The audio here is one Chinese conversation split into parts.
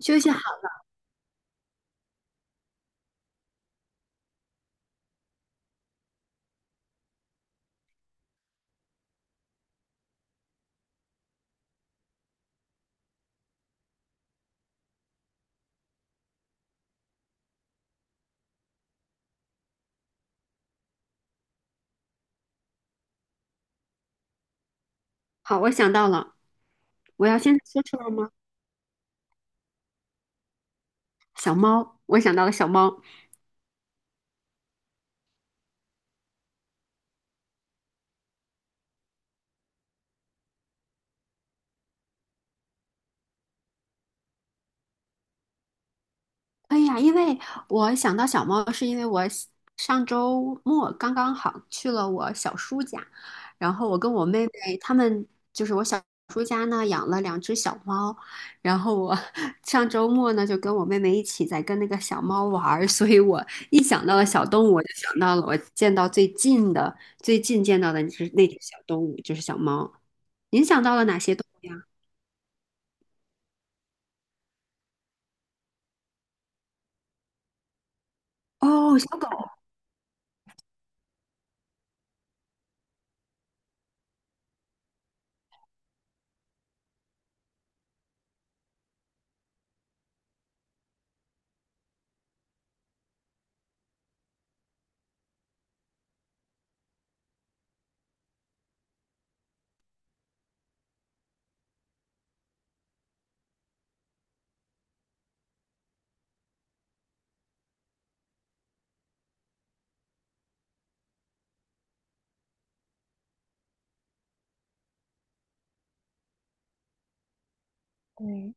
休息好。好，我想到了，我要现在说出来吗？小猫，我想到了小猫。哎呀，因为我想到小猫，是因为上周末刚刚好去了我小叔家，然后我跟我妹妹他们就是我小叔家呢养了两只小猫，然后我 上周末呢就跟我妹妹一起在跟那个小猫玩儿，所以我一想到了小动物，我就想到了我见到最近的最近见到的那只小动物就是小猫。您想到了哪些动物呀？哦，小狗。对，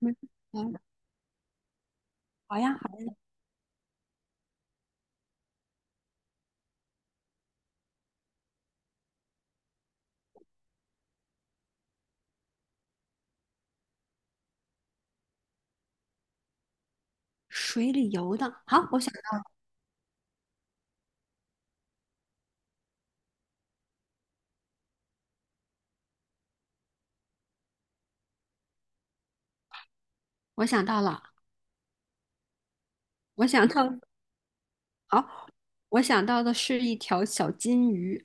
嗯嗯，好呀，好呀。水里游的。好，我想到了，我想到 好，我想到的是一条小金鱼。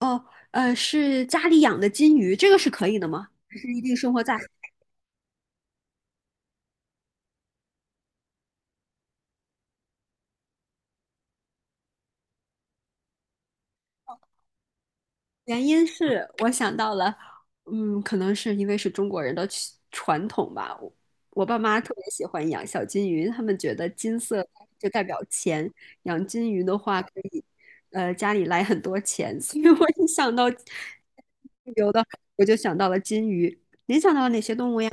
哦，是家里养的金鱼，这个是可以的吗？还是一定生活在？原因是我想到了，嗯，可能是因为是中国人的习传统吧。我我爸妈特别喜欢养小金鱼，他们觉得金色就代表钱，养金鱼的话可以，家里来很多钱。所以我一想到有的，我就想到了金鱼。您想到了哪些动物呀？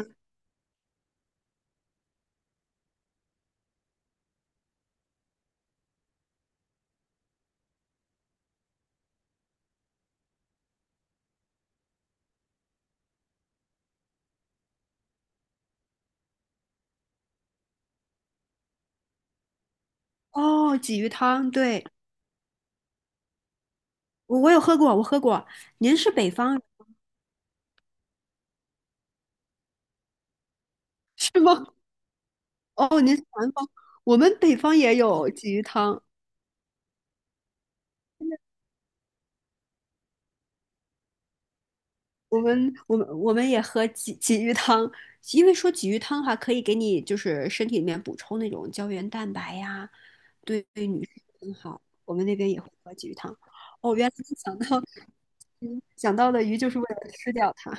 哦，鲫鱼汤，对，我有喝过，我喝过。您是北方人是吗？南方，我们北方也有鲫鱼汤。我们也喝鲫鱼汤，因为说鲫鱼汤的话，可以给你就是身体里面补充那种胶原蛋白呀，对女生很好。我们那边也会喝鲫鱼汤。哦，原来你想到想到的鱼就是为了吃掉它。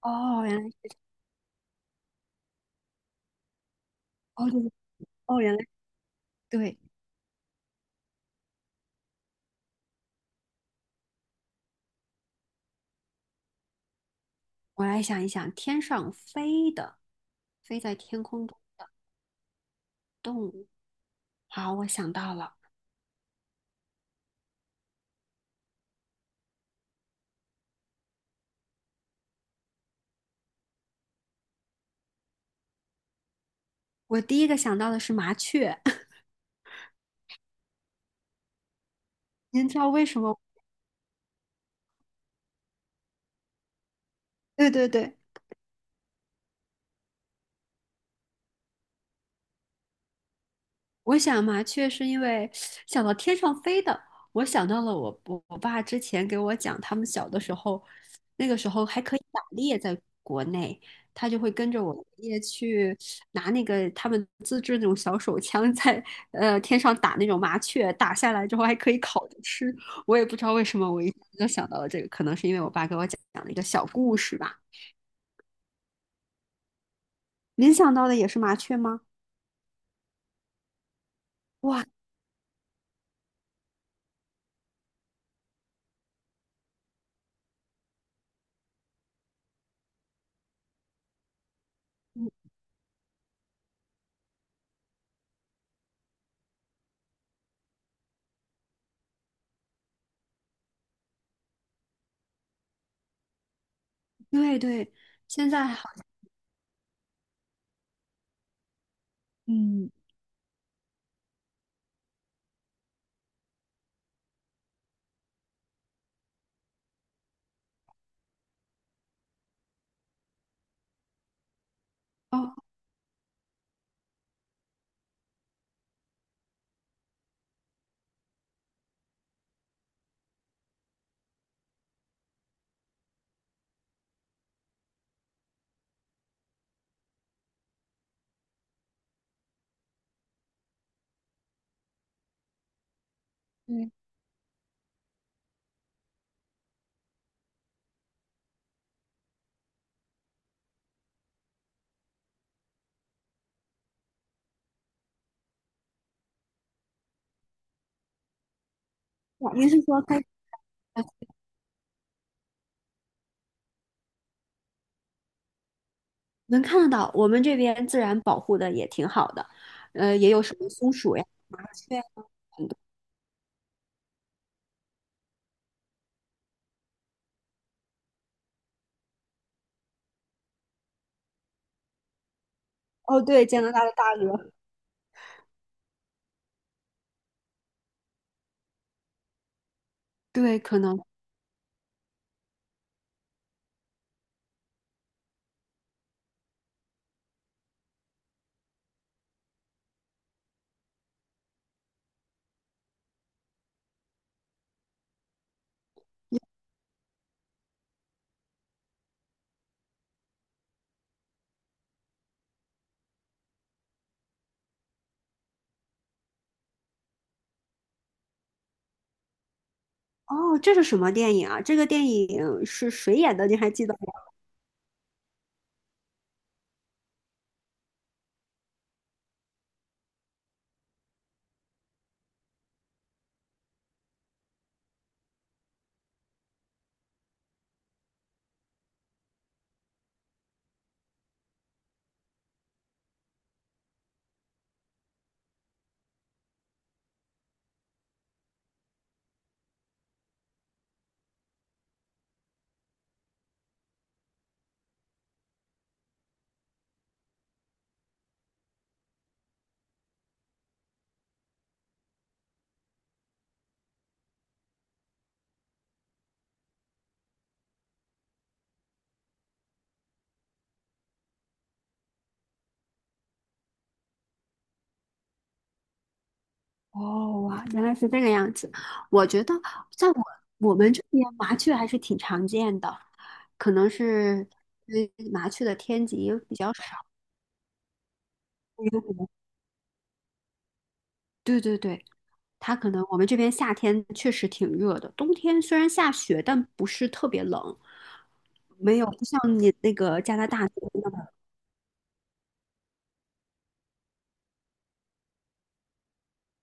哦，原来。哦对。哦原来。对，我来想一想，天上飞的，飞在天空中的动物。好，我想到了，我第一个想到的是麻雀。您知道为什么？对对对，我想麻雀是因为想到天上飞的，我想到了我爸之前给我讲，他们小的时候，那个时候还可以打猎，在国内，他就会跟着我爷爷去拿那个他们自制那种小手枪在，天上打那种麻雀，打下来之后还可以烤着吃。我也不知道为什么，我一下子就想到了这个，可能是因为我爸给我讲了一个小故事吧。您想到的也是麻雀吗？哇，对对，现在好，嗯，哦。对啊。您是说开呃能看得到？我们这边自然保护的也挺好的，呃，也有什么松鼠呀、麻雀呀，很多。哦，对，加拿大的大鹅。对，可能。哦，这是什么电影啊？这个电影是谁演的？你还记得吗？哦，哇，原来是这个样子。我觉得在我们这边麻雀还是挺常见的，可能是因为麻雀的天敌比较少。对对对，它可能我们这边夏天确实挺热的，冬天虽然下雪，但不是特别冷，没有不像你那个加拿大那边那么。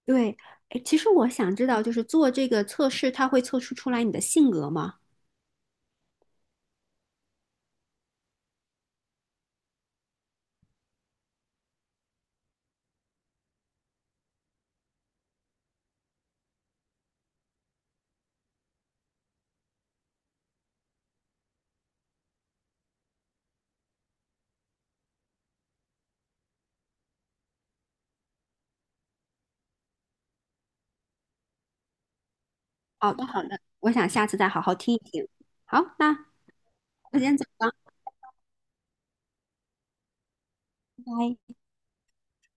对，哎，其实我想知道，就是做这个测试，它会测试出来你的性格吗？好的，好的，我想下次再好好听一听。好，那我先走了，拜拜。